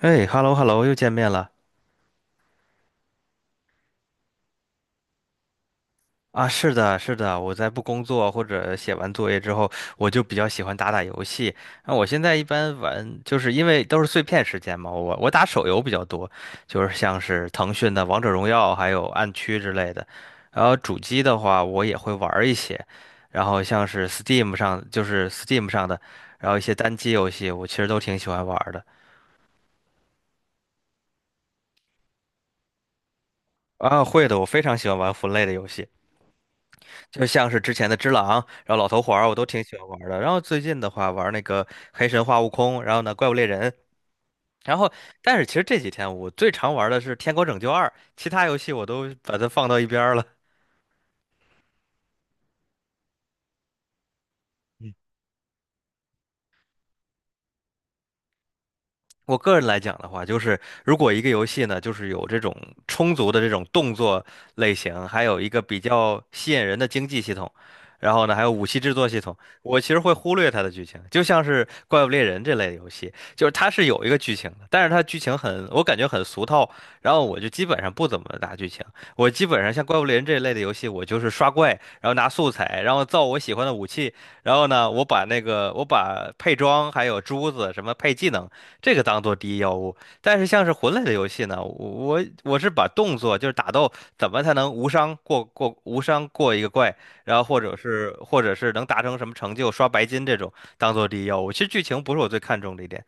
哎，hello hello，又见面了。啊！是的，是的，我在不工作或者写完作业之后，我就比较喜欢打打游戏。那我现在一般玩，就是因为都是碎片时间嘛，我打手游比较多，就是像是腾讯的《王者荣耀》还有《暗区》之类的。然后主机的话，我也会玩儿一些，然后像是 Steam 上，就是 Steam 上的，然后一些单机游戏，我其实都挺喜欢玩儿的。啊，会的，我非常喜欢玩魂类的游戏。就像是之前的只狼，然后老头环儿我都挺喜欢玩儿的。然后最近的话玩儿那个黑神话悟空，然后呢怪物猎人。然后但是其实这几天我最常玩儿的是天国拯救二，其他游戏我都把它放到一边儿了。我个人来讲的话，就是如果一个游戏呢，就是有这种充足的这种动作类型，还有一个比较吸引人的经济系统，然后呢，还有武器制作系统，我其实会忽略它的剧情。就像是《怪物猎人》这类的游戏，就是它是有一个剧情的，但是它剧情很，我感觉很俗套，然后我就基本上不怎么打剧情。我基本上像《怪物猎人》这一类的游戏，我就是刷怪，然后拿素材，然后造我喜欢的武器，然后呢，我把那个我把配装还有珠子什么配技能。这个当做第一要务。但是像是魂类的游戏呢，我是把动作就是打斗怎么才能无伤过一个怪，然后或者是能达成什么成就刷白金这种当做第一要务。其实剧情不是我最看重的一点。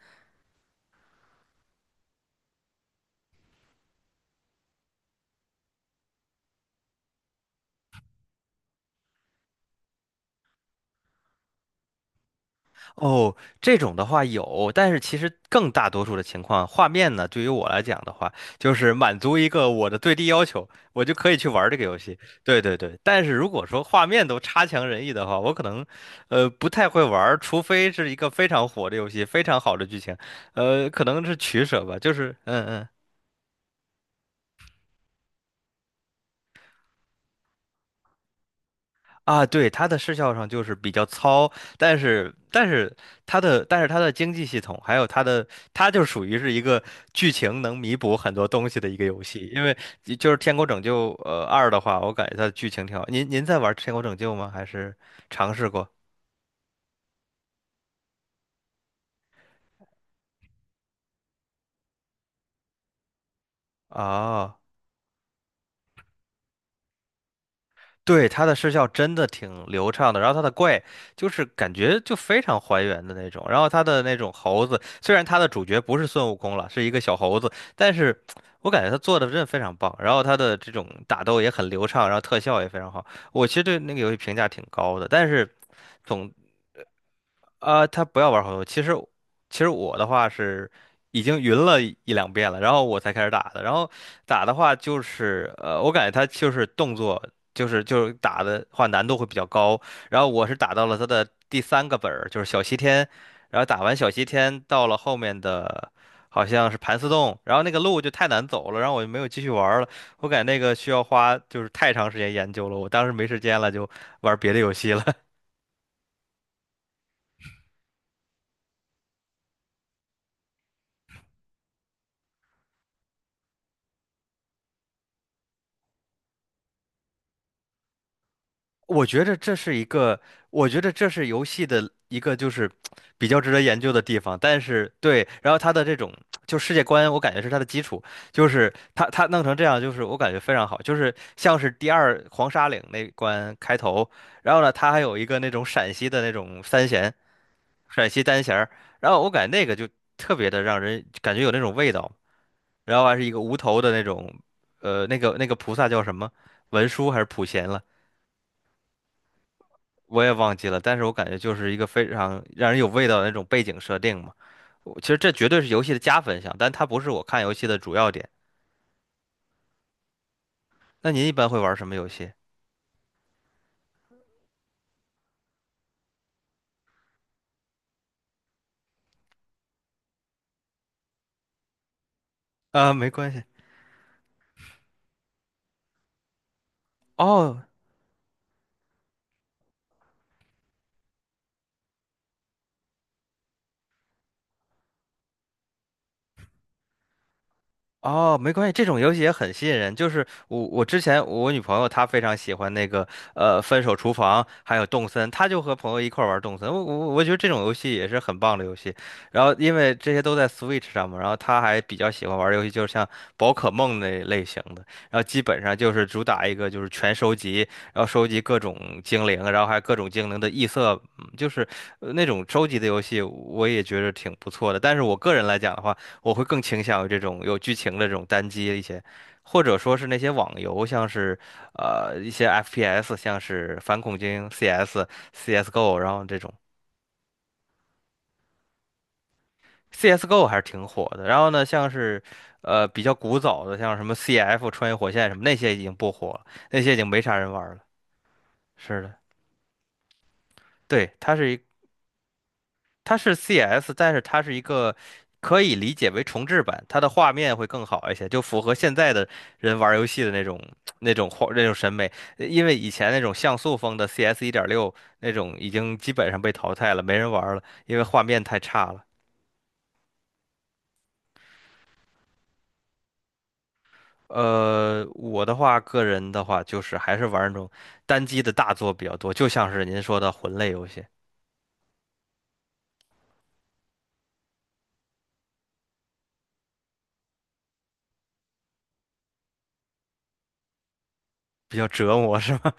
哦，这种的话有，但是其实更大多数的情况，画面呢，对于我来讲的话，就是满足一个我的最低要求，我就可以去玩这个游戏。对对对，但是如果说画面都差强人意的话，我可能，不太会玩，除非是一个非常火的游戏，非常好的剧情，可能是取舍吧，就是，嗯嗯。啊，对，它的视效上就是比较糙，但是它的经济系统，还有它的，它就属于是一个剧情能弥补很多东西的一个游戏，因为就是《天国拯救》二的话，我感觉它的剧情挺好。您在玩《天国拯救》吗？还是尝试过？啊？对，它的视效真的挺流畅的，然后它的怪就是感觉就非常还原的那种，然后它的那种猴子，虽然它的主角不是孙悟空了，是一个小猴子，但是我感觉他做的真的非常棒，然后他的这种打斗也很流畅，然后特效也非常好，我其实对那个游戏评价挺高的，但是总啊，他不要玩好多。其实，其实我的话是已经云了一两遍了，然后我才开始打的。然后打的话就是，我感觉他就是动作，就是打的话难度会比较高。然后我是打到了他的第三个本儿，就是小西天。然后打完小西天，到了后面的好像是盘丝洞，然后那个路就太难走了，然后我就没有继续玩儿了。我感觉那个需要花就是太长时间研究了，我当时没时间了，就玩别的游戏了。我觉得这是一个，我觉得这是游戏的一个就是比较值得研究的地方。但是对，然后它的这种就世界观，我感觉是它的基础，就是它它弄成这样，就是我感觉非常好，就是像是第二黄沙岭那关开头，然后呢，它还有一个那种陕西的那种三弦，陕西单弦儿，然后我感觉那个就特别的让人感觉有那种味道，然后还是一个无头的那种，那个菩萨叫什么？文殊还是普贤了？我也忘记了，但是我感觉就是一个非常让人有味道的那种背景设定嘛。我其实这绝对是游戏的加分项，但它不是我看游戏的主要点。那您一般会玩什么游戏？啊，没关系。哦，哦，没关系，这种游戏也很吸引人。就是我，我之前我女朋友她非常喜欢那个《分手厨房》，还有《动森》，她就和朋友一块儿玩儿《动森》。我觉得这种游戏也是很棒的游戏。然后因为这些都在 Switch 上嘛，然后她还比较喜欢玩儿游戏，就是像宝可梦那类型的。然后基本上就是主打一个就是全收集，然后收集各种精灵，然后还有各种精灵的异色，嗯就是那种收集的游戏，我也觉得挺不错的。但是我个人来讲的话，我会更倾向于这种有剧情的这种单机一些，或者说是那些网游，像是一些 FPS,像是反恐精英 CS、CS:GO,然后这种 CS:GO 还是挺火的。然后呢，像是比较古早的，像什么 CF 穿越火线什么那些已经不火了，那些已经没啥人玩了。是的，对，它是 CS,但是它是一个可以理解为重置版，它的画面会更好一些，就符合现在的人玩游戏的那种那种画那种审美。因为以前那种像素风的 CS 一点六那种已经基本上被淘汰了，没人玩了，因为画面太差了。我的话，个人的话，就是还是玩那种单机的大作比较多，就像是您说的魂类游戏，比较折磨，是吧？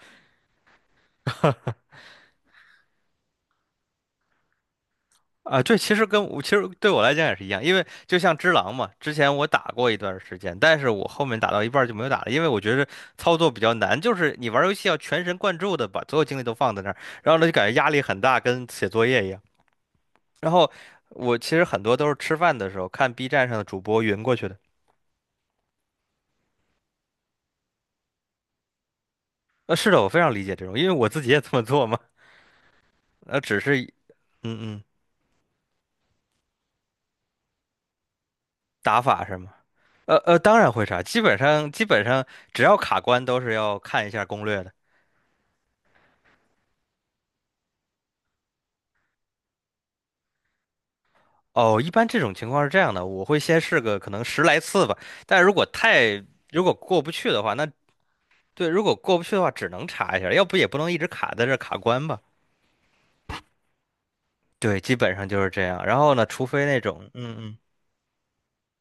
啊，对，其实跟我其实对我来讲也是一样，因为就像只狼嘛，之前我打过一段时间，但是我后面打到一半儿就没有打了，因为我觉得操作比较难，就是你玩儿游戏要全神贯注的把所有精力都放在那儿，然后呢就感觉压力很大，跟写作业一样。然后我其实很多都是吃饭的时候看 B 站上的主播云过去的。是的，我非常理解这种，因为我自己也这么做嘛。呃，只是，嗯嗯，打法是吗？当然会查，基本上只要卡关都是要看一下攻略的。哦，一般这种情况是这样的，我会先试个可能十来次吧，但如果太如果过不去的话，那对，如果过不去的话，只能查一下，要不也不能一直卡在这儿卡关吧。对，基本上就是这样。然后呢，除非那种，嗯嗯。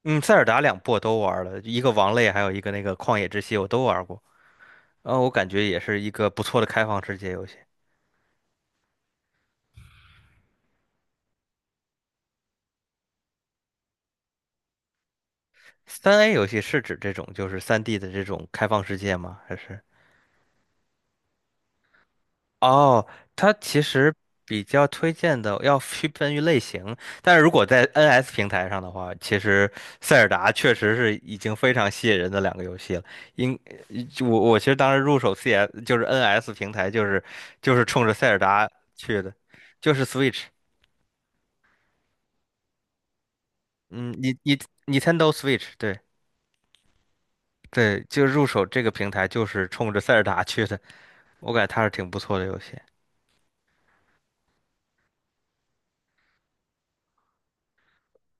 嗯，塞尔达两部我都玩了，一个王类，还有一个那个旷野之息，我都玩过。然后我感觉也是一个不错的开放世界游戏。三 A 游戏是指这种就是三 d 的这种开放世界吗？还是？哦，它其实比较推荐的要区分于类型，但是如果在 NS 平台上的话，其实塞尔达确实是已经非常吸引人的两个游戏了。应，我其实当时入手 CS 就是 NS 平台，就是冲着塞尔达去的，就是 Switch。嗯，你 Nintendo Switch，对对。就入手这个平台就是冲着塞尔达去的，我感觉它是挺不错的游戏。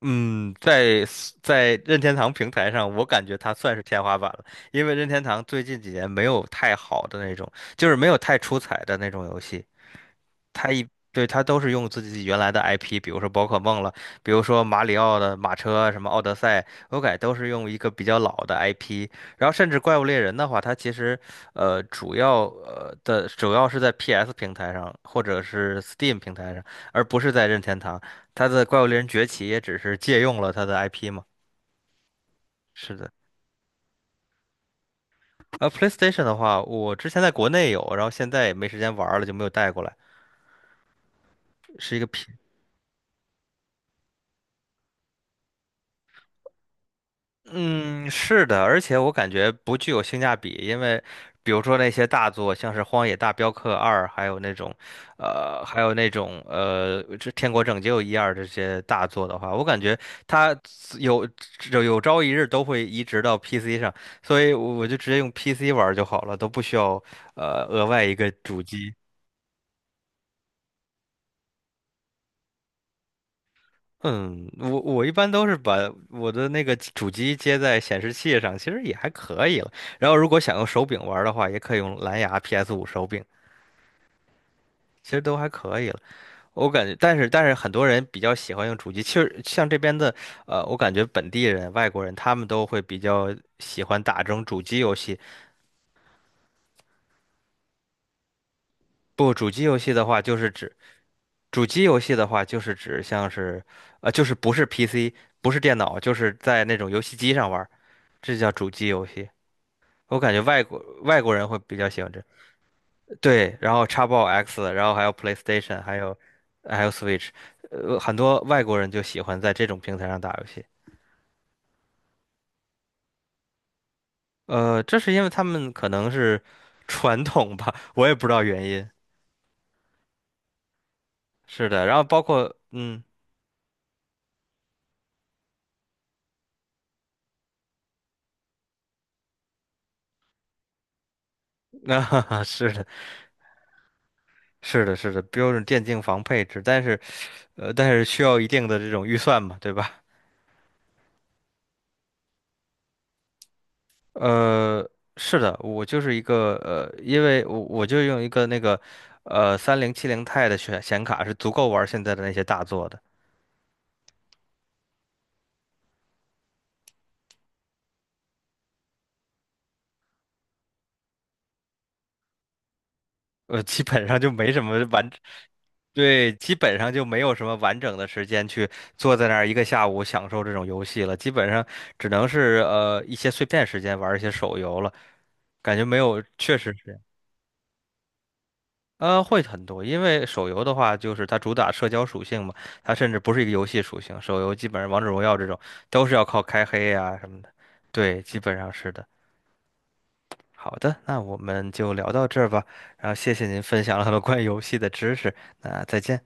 嗯，在 在任天堂平台上，我感觉它算是天花板了，因为任天堂最近几年没有太好的那种，就是没有太出彩的那种游戏。对，它都是用自己原来的 IP，比如说宝可梦了，比如说马里奥的马车，什么奥德赛，我感觉都是用一个比较老的 IP。然后甚至怪物猎人的话，它其实主要是在 PS 平台上或者是 Steam 平台上，而不是在任天堂。它的怪物猎人崛起也只是借用了它的 IP 嘛。是的。PlayStation 的话，我之前在国内有，然后现在也没时间玩儿了，就没有带过来，是一个 P 嗯，是的。而且我感觉不具有性价比，因为比如说那些大作，像是《荒野大镖客二》，还有那种，这《天国拯救一二》这些大作的话，我感觉它有有朝一日都会移植到 PC 上，所以我就直接用 PC 玩儿就好了，都不需要额外一个主机。嗯，我一般都是把我的那个主机接在显示器上，其实也还可以了。然后如果想用手柄玩儿的话，也可以用蓝牙 PS5手柄，其实都还可以了。我感觉，但是很多人比较喜欢用主机，其实像这边的。我感觉本地人、外国人他们都会比较喜欢打这种主机游戏。不，主机游戏的话，就是指主机游戏的话，就是指像是，就是不是 PC，不是电脑，就是在那种游戏机上玩儿这叫主机游戏。我感觉外国人会比较喜欢这。对，然后 Xbox 然后还有 PlayStation，还有 Switch。很多外国人就喜欢在这种平台上打游戏。这是因为他们可能是 传统吧，我也不知道原因。是的，然后包括啊，是的，是的，是的，标准电竞房配置，但是需要一定的这种预算嘛，对吧？呃，是的，我就是一个呃，因为我就用一个那个3070 Ti 的显卡是足够玩现在的那些大作的。基本上就没什么完，对，基本上就没有什么完整的时间去坐在那儿一个下午享受这种游戏了，基本上只能是一些碎片时间玩一些手游了，感觉没有，确实是。会很多，因为手游的话，就是它主打社交属性嘛，它甚至不是一个游戏属性。手游基本上王者荣耀这种都是要靠开黑呀、什么。对，基本上是的。好的，那我们就聊到这儿吧。然后谢谢您分享了很多关于游戏的知识，那再见。